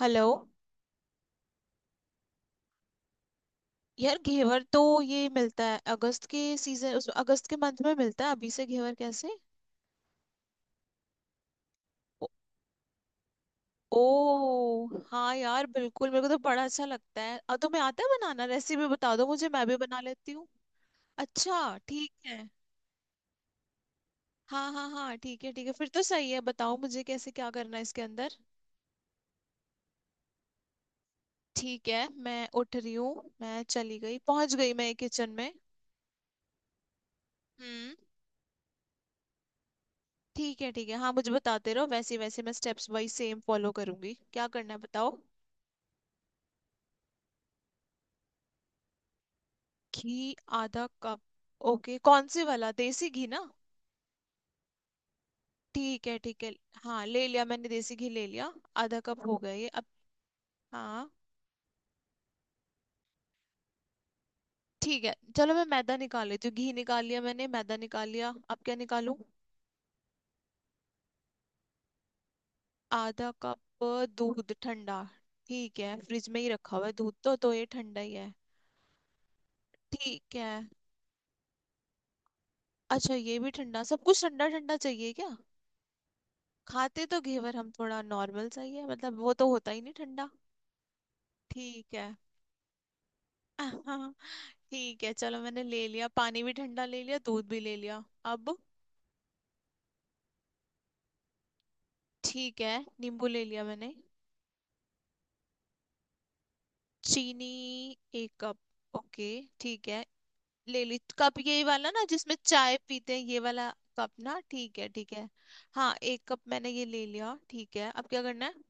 Hello. यार घेवर तो ये मिलता है अगस्त के सीजन उस अगस्त के मंथ में मिलता है। अभी से घेवर कैसे। ओ, ओ। हाँ यार बिल्कुल, मेरे को तो बड़ा अच्छा लगता है। और तुम्हें आता है बनाना, रेसिपी बता दो मुझे, मैं भी बना लेती हूँ। अच्छा। ठीक है। हाँ, हाँ, हाँ, ठीक है, ठीक है, फिर तो सही है। बताओ मुझे कैसे क्या करना है इसके अंदर। ठीक है, मैं उठ रही हूँ, मैं चली गई, पहुंच गई मैं किचन में। हम्म। ठीक है, ठीक है, हाँ मुझे बताते रहो, वैसे वैसे मैं स्टेप्स वाइज सेम फॉलो करूंगी। क्या करना है बताओ। घी। आधा कप। ओके, कौन से वाला, देसी घी ना। ठीक है, ठीक है। हाँ, ले लिया मैंने, देसी घी ले लिया। आधा कप हो गया ये अब। हाँ। ठीक है, चलो मैं मैदा निकाल लेती हूँ। घी निकाल लिया मैंने, मैदा निकाल लिया, अब क्या निकालूं। आधा कप। दूध ठंडा। ठीक है, फ्रिज में ही रखा हुआ है दूध, तो ये ठंडा ही है। ठीक है। अच्छा ये भी ठंडा, सब कुछ ठंडा ठंडा चाहिए क्या। खाते तो घेवर हम थोड़ा नॉर्मल चाहिए, मतलब वो तो होता ही नहीं ठंडा। ठीक है। ठीक है, चलो मैंने ले लिया, पानी भी ठंडा ले लिया, दूध भी ले लिया। अब। ठीक है। नींबू ले लिया मैंने। चीनी। एक कप। ओके। ठीक है। ले ली कप, यही वाला ना जिसमें चाय पीते हैं, ये वाला। कप ना, ठीक है, ठीक है। हाँ एक कप मैंने ये ले लिया, ठीक है, अब क्या करना है।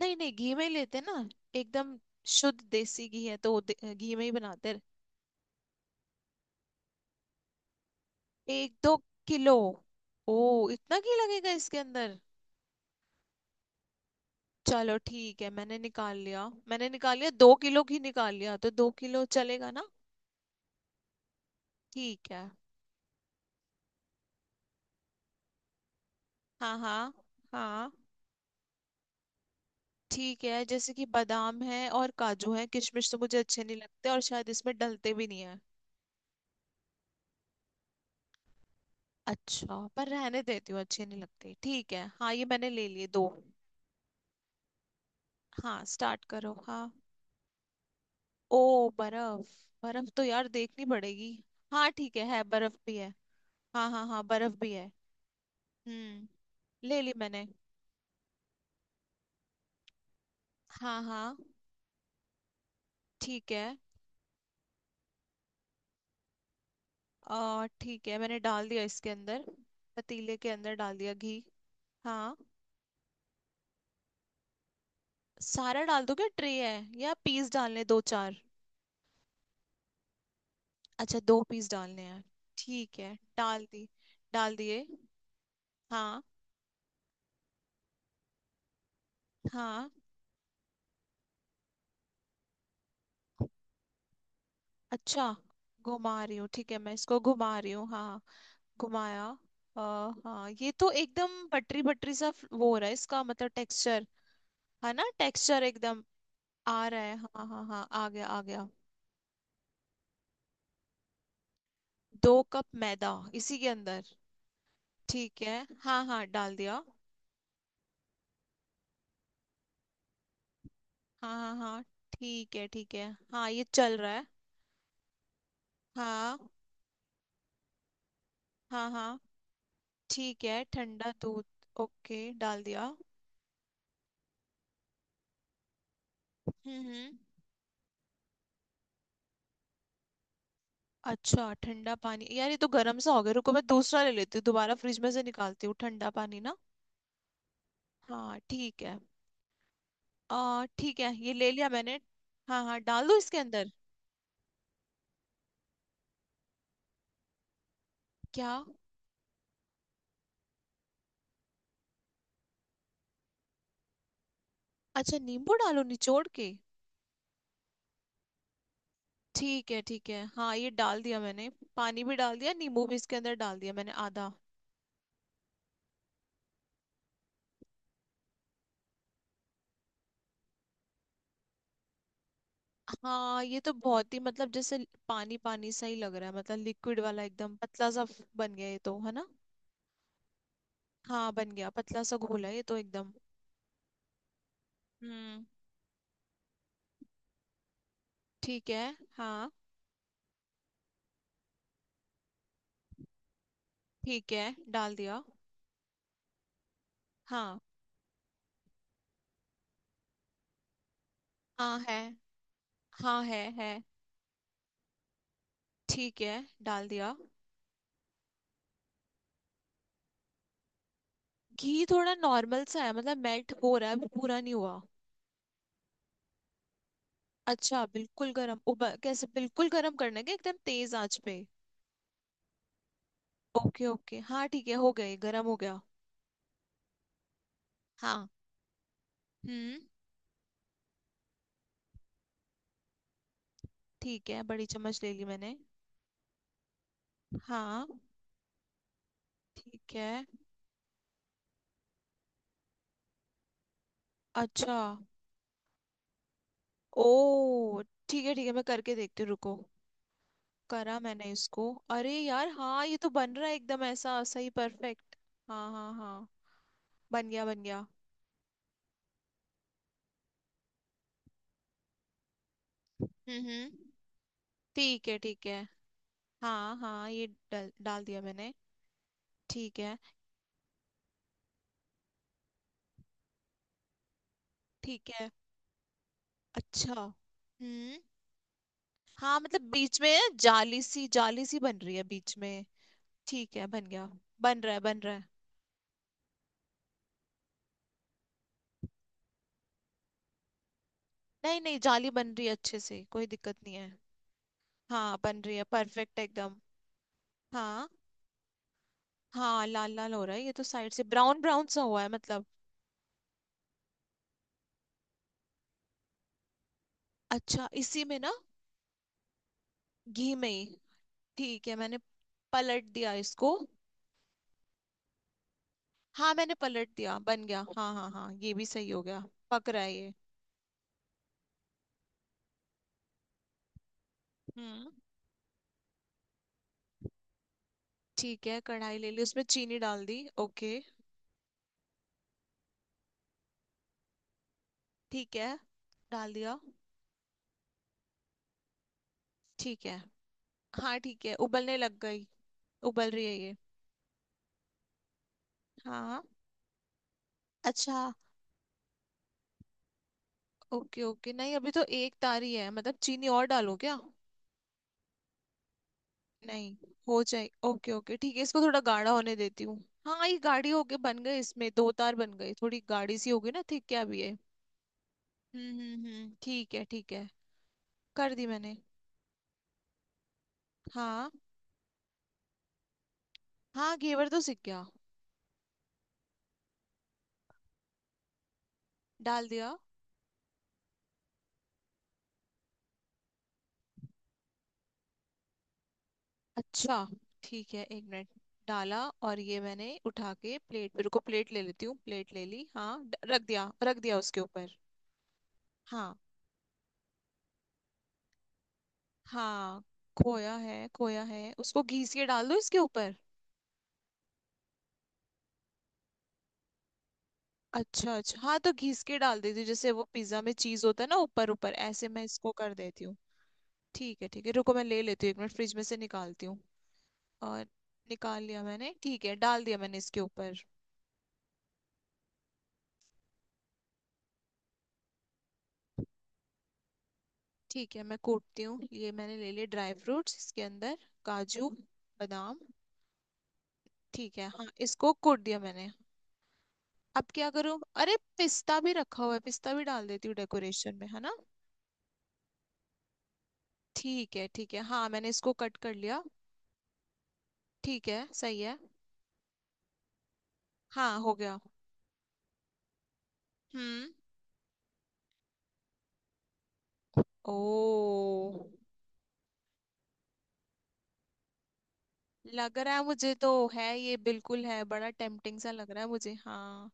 नहीं, नहीं, घी में ही लेते हैं ना, एकदम शुद्ध देसी घी है, तो घी में ही बनाते हैं। एक दो किलो। ओ, इतना घी लगेगा इसके अंदर। चलो ठीक है, मैंने निकाल लिया, मैंने निकाल लिया 2 किलो ही निकाल लिया, तो 2 किलो चलेगा ना। ठीक है। हाँ, हाँ, हाँ। ठीक है, जैसे कि बादाम है और काजू है, किशमिश तो मुझे अच्छे नहीं लगते, और शायद इसमें डलते भी नहीं है। अच्छा, पर रहने देती हूँ, अच्छे नहीं लगते। ठीक है, हाँ ये मैंने ले लिए दो। हाँ स्टार्ट करो, हाँ। ओ बर्फ। बर्फ तो यार देखनी पड़ेगी। हाँ ठीक है बर्फ भी है। हाँ, हाँ, हाँ, बर्फ भी है। हम्म। ले ली मैंने। हाँ, हाँ, ठीक है। आ ठीक है, मैंने डाल दिया इसके अंदर, पतीले के अंदर डाल दिया घी। हाँ। सारा डाल दो क्या, ट्रे है या पीस डालने दो चार। अच्छा, 2 पीस डालने हैं, ठीक है। डाल दी, डाल दिए। हाँ, हाँ। अच्छा। घुमा रही हूँ, ठीक है, मैं इसको घुमा रही हूँ, हाँ। घुमाया। आ, हाँ, ये तो एकदम बटरी बटरी सा वो हो रहा है इसका, मतलब टेक्सचर। है ना, टेक्सचर एकदम आ रहा है, हाँ, हाँ, हाँ, आ गया, आ गया। 2 कप मैदा इसी के अंदर। ठीक है, हाँ, हाँ, डाल दिया। हाँ, हाँ, हाँ, ठीक है, ठीक है, हाँ ये चल रहा है। हाँ, हाँ, हाँ। ठीक है, ठंडा दूध। ओके डाल दिया। हम्म, हम्म। अच्छा ठंडा पानी, यार ये तो गर्म सा हो गया, रुको मैं दूसरा ले लेती हूँ, दोबारा फ्रिज में से निकालती हूँ ठंडा पानी ना। हाँ ठीक है। आ ठीक है, ये ले लिया मैंने। हाँ, हाँ, डाल दो इसके अंदर। क्या। अच्छा, नींबू डालो निचोड़ के। ठीक है, ठीक है, हाँ ये डाल दिया मैंने, पानी भी डाल दिया, नींबू भी इसके अंदर डाल दिया मैंने आधा। हाँ ये तो बहुत ही, मतलब जैसे पानी पानी सा ही लग रहा है, मतलब लिक्विड वाला एकदम पतला सा बन गया ये तो, है ना। हाँ बन गया, पतला सा घोल है ये तो एकदम। हम्म। ठीक है। हाँ ठीक है, डाल दिया। हाँ, हाँ है, हाँ है है। ठीक है डाल दिया। घी थोड़ा नॉर्मल सा है, मतलब मेल्ट हो रहा है, अभी पूरा नहीं हुआ। अच्छा बिल्कुल गरम, उब कैसे बिल्कुल गरम करना है क्या, एकदम तेज आंच पे। ओके, ओके, हाँ ठीक है, हो गए, गरम हो गया। हाँ। हम्म। ठीक है, बड़ी चम्मच ले ली मैंने। हाँ। ठीक है। अच्छा। ओ, ठीक है, ठीक है, मैं करके देखती हूँ, रुको। करा मैंने इसको। अरे यार, हाँ ये तो बन रहा है एकदम ऐसा, सही, परफेक्ट। हाँ, हाँ, हाँ। बन गया, बन गया। हम्म, हम्म। ठीक है, ठीक है। हाँ, हाँ ये डाल दिया मैंने। ठीक है, ठीक है। अच्छा, हम्म। हाँ मतलब बीच में जाली सी बन रही है बीच में। ठीक है, बन गया। बन रहा है, बन रहा है। नहीं, नहीं, जाली बन रही है अच्छे से, कोई दिक्कत नहीं है। हाँ बन रही है, परफेक्ट एकदम। हाँ, हाँ, लाल लाल हो रहा है, ये तो साइड से ब्राउन ब्राउन सा हुआ है, मतलब। अच्छा, इसी में ना, घी में ही। ठीक है, मैंने पलट दिया इसको। हाँ मैंने पलट दिया, बन गया, हाँ, हाँ, हाँ, ये भी सही हो गया। पक रहा है ये। हम्म। ठीक है, कढ़ाई ले ली, उसमें चीनी डाल दी, ओके। ठीक है, डाल दिया। ठीक है। हाँ ठीक है, उबलने लग गई। उबल रही है ये। हाँ। अच्छा, ओके, ओके, नहीं अभी तो एक तारी है, मतलब चीनी और डालो क्या। नहीं। हो जाए, ओके, ओके, ठीक है, इसको थोड़ा गाढ़ा होने देती हूँ। हाँ ये गाढ़ी होके बन गई, इसमें 2 तार बन गई, थोड़ी गाढ़ी सी होगी ना, ठीक क्या भी है। हम्म, हम्म, हम्म, ठीक है, ठीक है। कर दी मैंने। हाँ। हाँ घेवर तो सीख गया। डाल दिया। अच्छा, ठीक है, एक मिनट। डाला। और ये मैंने उठा के प्लेट, मेरे को प्लेट ले लेती हूँ, प्लेट ले ली, हाँ, रख दिया, रख दिया उसके ऊपर। हाँ, हाँ। खोया है, खोया है उसको घिस के डाल दो इसके ऊपर। अच्छा, अच्छा, हाँ तो घिस के डाल देती हूँ, जैसे वो पिज्जा में चीज होता है ना, ऊपर ऊपर ऐसे मैं इसको कर देती हूँ। ठीक है, ठीक है, रुको मैं ले लेती हूँ, एक मिनट फ्रिज में से निकालती हूँ। और निकाल लिया मैंने, ठीक है, डाल दिया मैंने इसके ऊपर। ठीक है मैं कूटती हूँ, ये मैंने ले लिए ड्राई फ्रूट्स इसके अंदर। काजू। बादाम। ठीक है, हाँ इसको कूट दिया मैंने। अब क्या करूँ, अरे पिस्ता भी रखा हुआ है, पिस्ता भी डाल देती हूँ डेकोरेशन में है ना। ठीक है, ठीक है, हाँ मैंने इसको कट कर लिया। ठीक है, सही है। हाँ हो गया। हम्म। ओ। लग रहा है मुझे तो, है ये बिल्कुल, है बड़ा टेम्पटिंग सा लग रहा है मुझे, हाँ।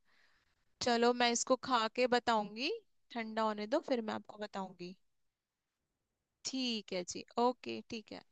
चलो मैं इसको खा के बताऊंगी। ठंडा होने दो फिर मैं आपको बताऊंगी। ठीक है जी, ओके, ठीक है।